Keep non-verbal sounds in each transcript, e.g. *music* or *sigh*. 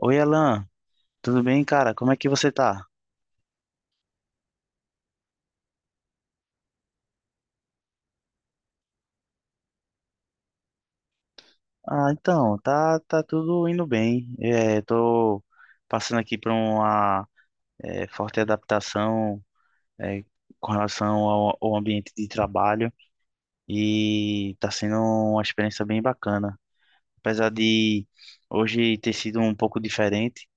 Oi, Alan, tudo bem, cara? Como é que você tá? Ah, então, tá, tudo indo bem. É, tô passando aqui por uma forte adaptação é, com relação ao ambiente de trabalho e tá sendo uma experiência bem bacana. Apesar de hoje ter sido um pouco diferente,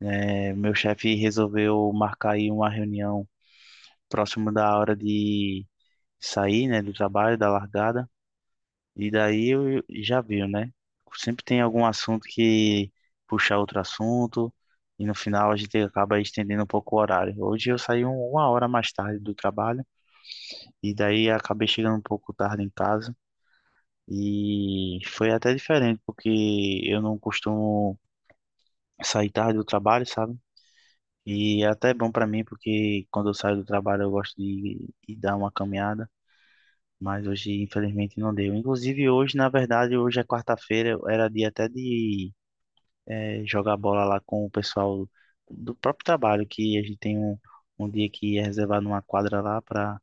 né, meu chefe resolveu marcar aí uma reunião próximo da hora de sair, né, do trabalho, da largada. E daí eu já viu, né? Sempre tem algum assunto que puxa outro assunto, e no final a gente acaba estendendo um pouco o horário. Hoje eu saí uma hora mais tarde do trabalho, e daí acabei chegando um pouco tarde em casa. E foi até diferente, porque eu não costumo sair tarde do trabalho, sabe? E é até bom pra mim, porque quando eu saio do trabalho eu gosto de dar uma caminhada. Mas hoje, infelizmente, não deu. Inclusive, hoje, na verdade, hoje é quarta-feira, era dia até de jogar bola lá com o pessoal do próprio trabalho, que a gente tem um dia que é reservado numa quadra lá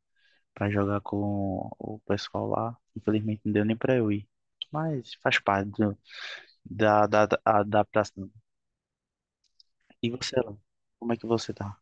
para jogar com o pessoal lá. Infelizmente não deu nem para eu ir, mas faz parte da adaptação. E você, Alan? Como é que você tá?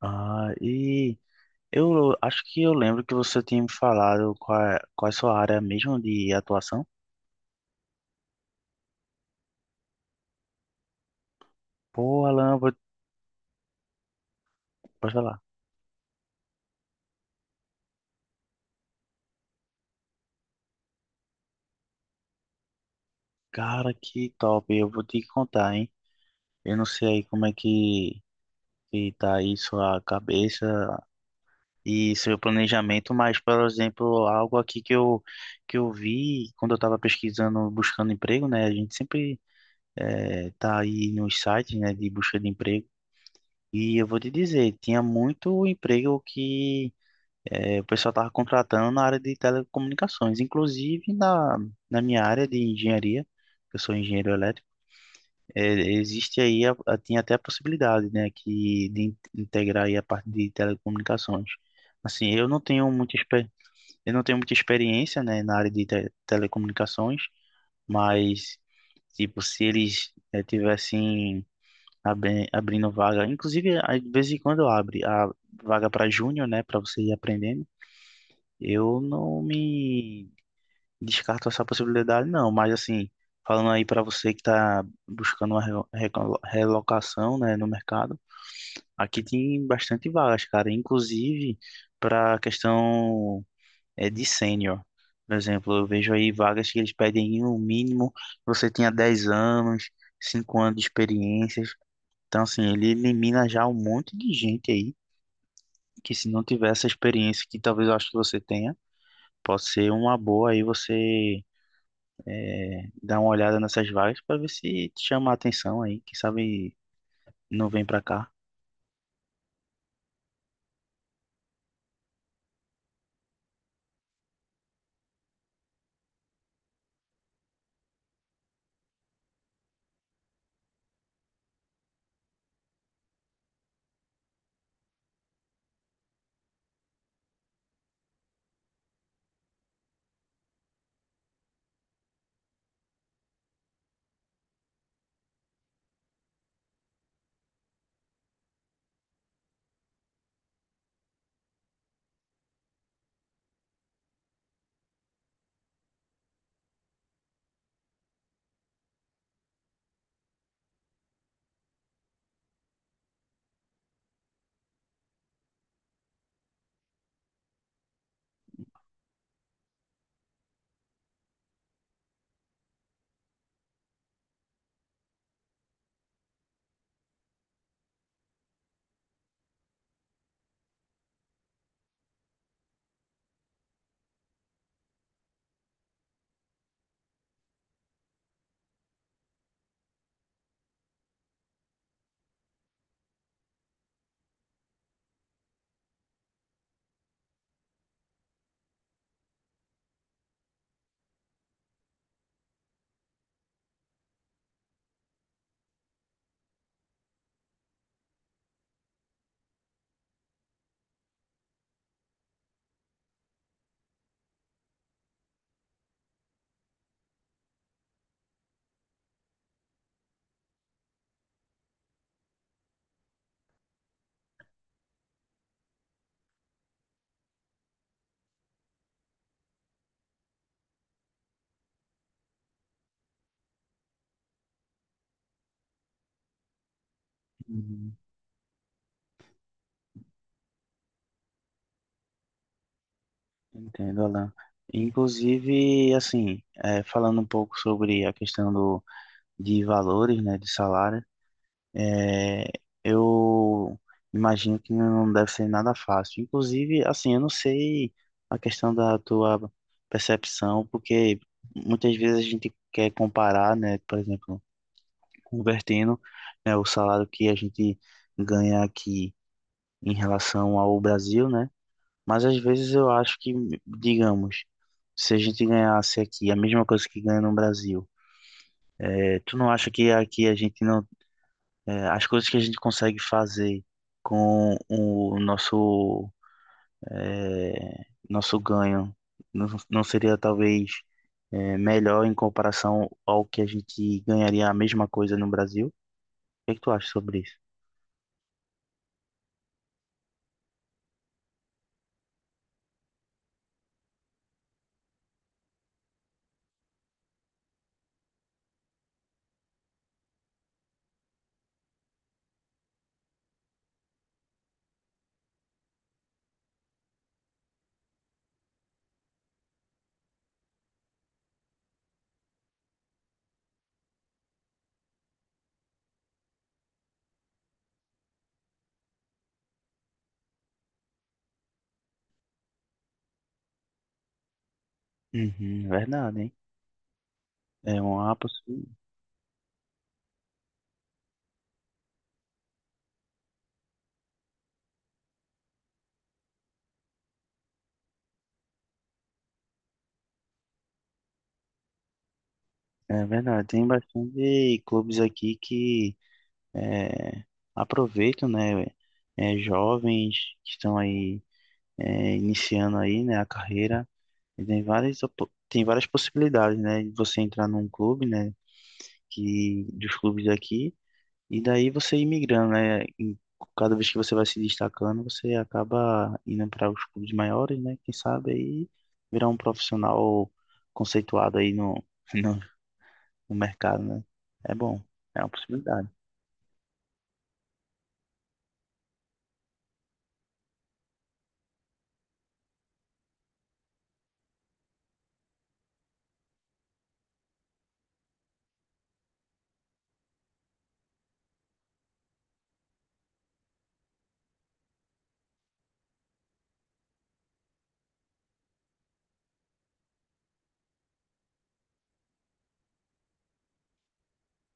Ah, e eu acho que eu lembro que você tinha me falado qual é a sua área mesmo de atuação. Pô, Alan, eu vou, pode falar. Cara, que top, eu vou te contar, hein? Eu não sei aí como é que tá aí sua cabeça e seu planejamento, mas, por exemplo, algo aqui que eu vi quando eu estava pesquisando, buscando emprego, né? A gente sempre tá aí nos sites, né, de busca de emprego. E eu vou te dizer, tinha muito emprego que o pessoal estava contratando na área de telecomunicações, inclusive na minha área de engenharia, que eu sou engenheiro elétrico. É, existe aí, tem até a possibilidade, né, que, de integrar aí a parte de telecomunicações. Assim, eu não tenho muita, eu não tenho muita experiência, né, na área de telecomunicações, mas, tipo, se eles tivessem abrindo vaga, inclusive, às vezes em quando abre a vaga para júnior, né, para você ir aprendendo, eu não me descarto essa possibilidade, não, mas assim, falando aí para você que está buscando uma relocação, né, no mercado, aqui tem bastante vagas, cara, inclusive para questão de sênior. Por exemplo, eu vejo aí vagas que eles pedem no mínimo você tenha 10 anos, 5 anos de experiências. Então, assim, ele elimina já um monte de gente aí que se não tiver essa experiência que talvez eu acho que você tenha, pode ser uma boa aí você dá uma olhada nessas vagas para ver se te chama a atenção aí. Quem sabe não vem para cá. Uhum. Entendo, Alan. Inclusive, assim, é, falando um pouco sobre a questão do, de valores, né, de salário, é, eu imagino que não deve ser nada fácil. Inclusive, assim, eu não sei a questão da tua percepção, porque muitas vezes a gente quer comparar, né, por exemplo, convertendo, né, o salário que a gente ganha aqui em relação ao Brasil, né? Mas às vezes eu acho que, digamos, se a gente ganhasse aqui a mesma coisa que ganha no Brasil, tu não acha que aqui a gente não, as coisas que a gente consegue fazer com o nosso, nosso ganho não, não seria talvez melhor em comparação ao que a gente ganharia a mesma coisa no Brasil? O que é que tu acha sobre isso? Uhum, verdade, hein? É uma possi- É verdade. Tem bastante clubes aqui que é, aproveitam, né? Jovens que estão aí iniciando aí, né, a carreira. E tem várias tem várias possibilidades, né? De você entrar num clube, né? Que dos clubes aqui e daí você ir migrando, né? Cada vez que você vai se destacando, você acaba indo para os clubes maiores, né? Quem sabe aí virar um profissional conceituado aí *laughs* no, no mercado, né? É bom, é uma possibilidade,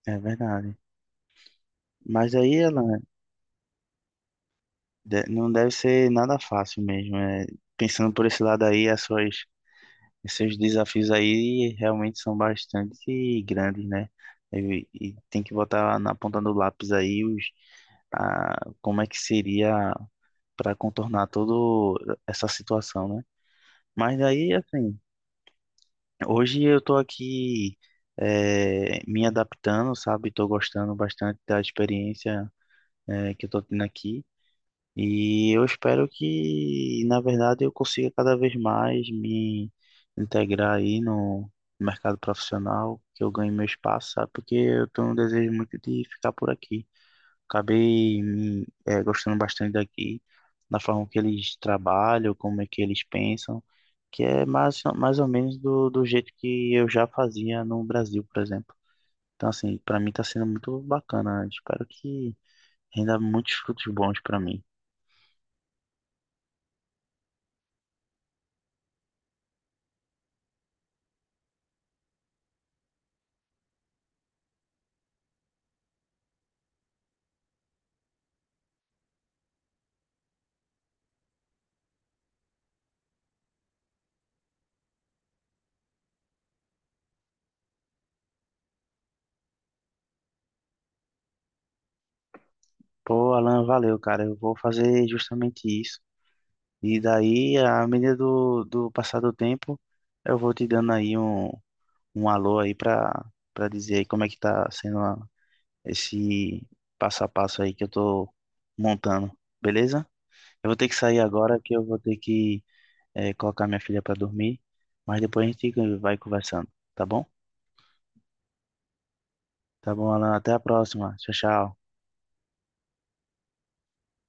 é verdade. Mas aí ela não deve ser nada fácil mesmo. É, pensando por esse lado aí, as suas esses desafios aí realmente são bastante grandes, né? E tem que botar na ponta do lápis aí como é que seria para contornar toda essa situação, né? Mas aí, assim, hoje eu tô aqui me adaptando, sabe? Tô gostando bastante da experiência que eu tô tendo aqui. E eu espero que, na verdade, eu consiga cada vez mais me integrar aí no mercado profissional, que eu ganhe meu espaço, sabe? Porque eu tenho um desejo muito de ficar por aqui. Acabei me, gostando bastante daqui, da forma que eles trabalham, como é que eles pensam, que é mais, mais ou menos do jeito que eu já fazia no Brasil, por exemplo. Então, assim, para mim está sendo muito bacana. Espero que renda muitos frutos bons para mim. Pô, Alan, valeu, cara. Eu vou fazer justamente isso. E daí, à medida do passar do tempo, eu vou te dando aí um alô aí pra dizer aí como é que tá sendo esse passo a passo aí que eu tô montando, beleza? Eu vou ter que sair agora que eu vou ter que colocar minha filha pra dormir, mas depois a gente vai conversando, tá bom? Tá bom, Alan. Até a próxima. Tchau, tchau.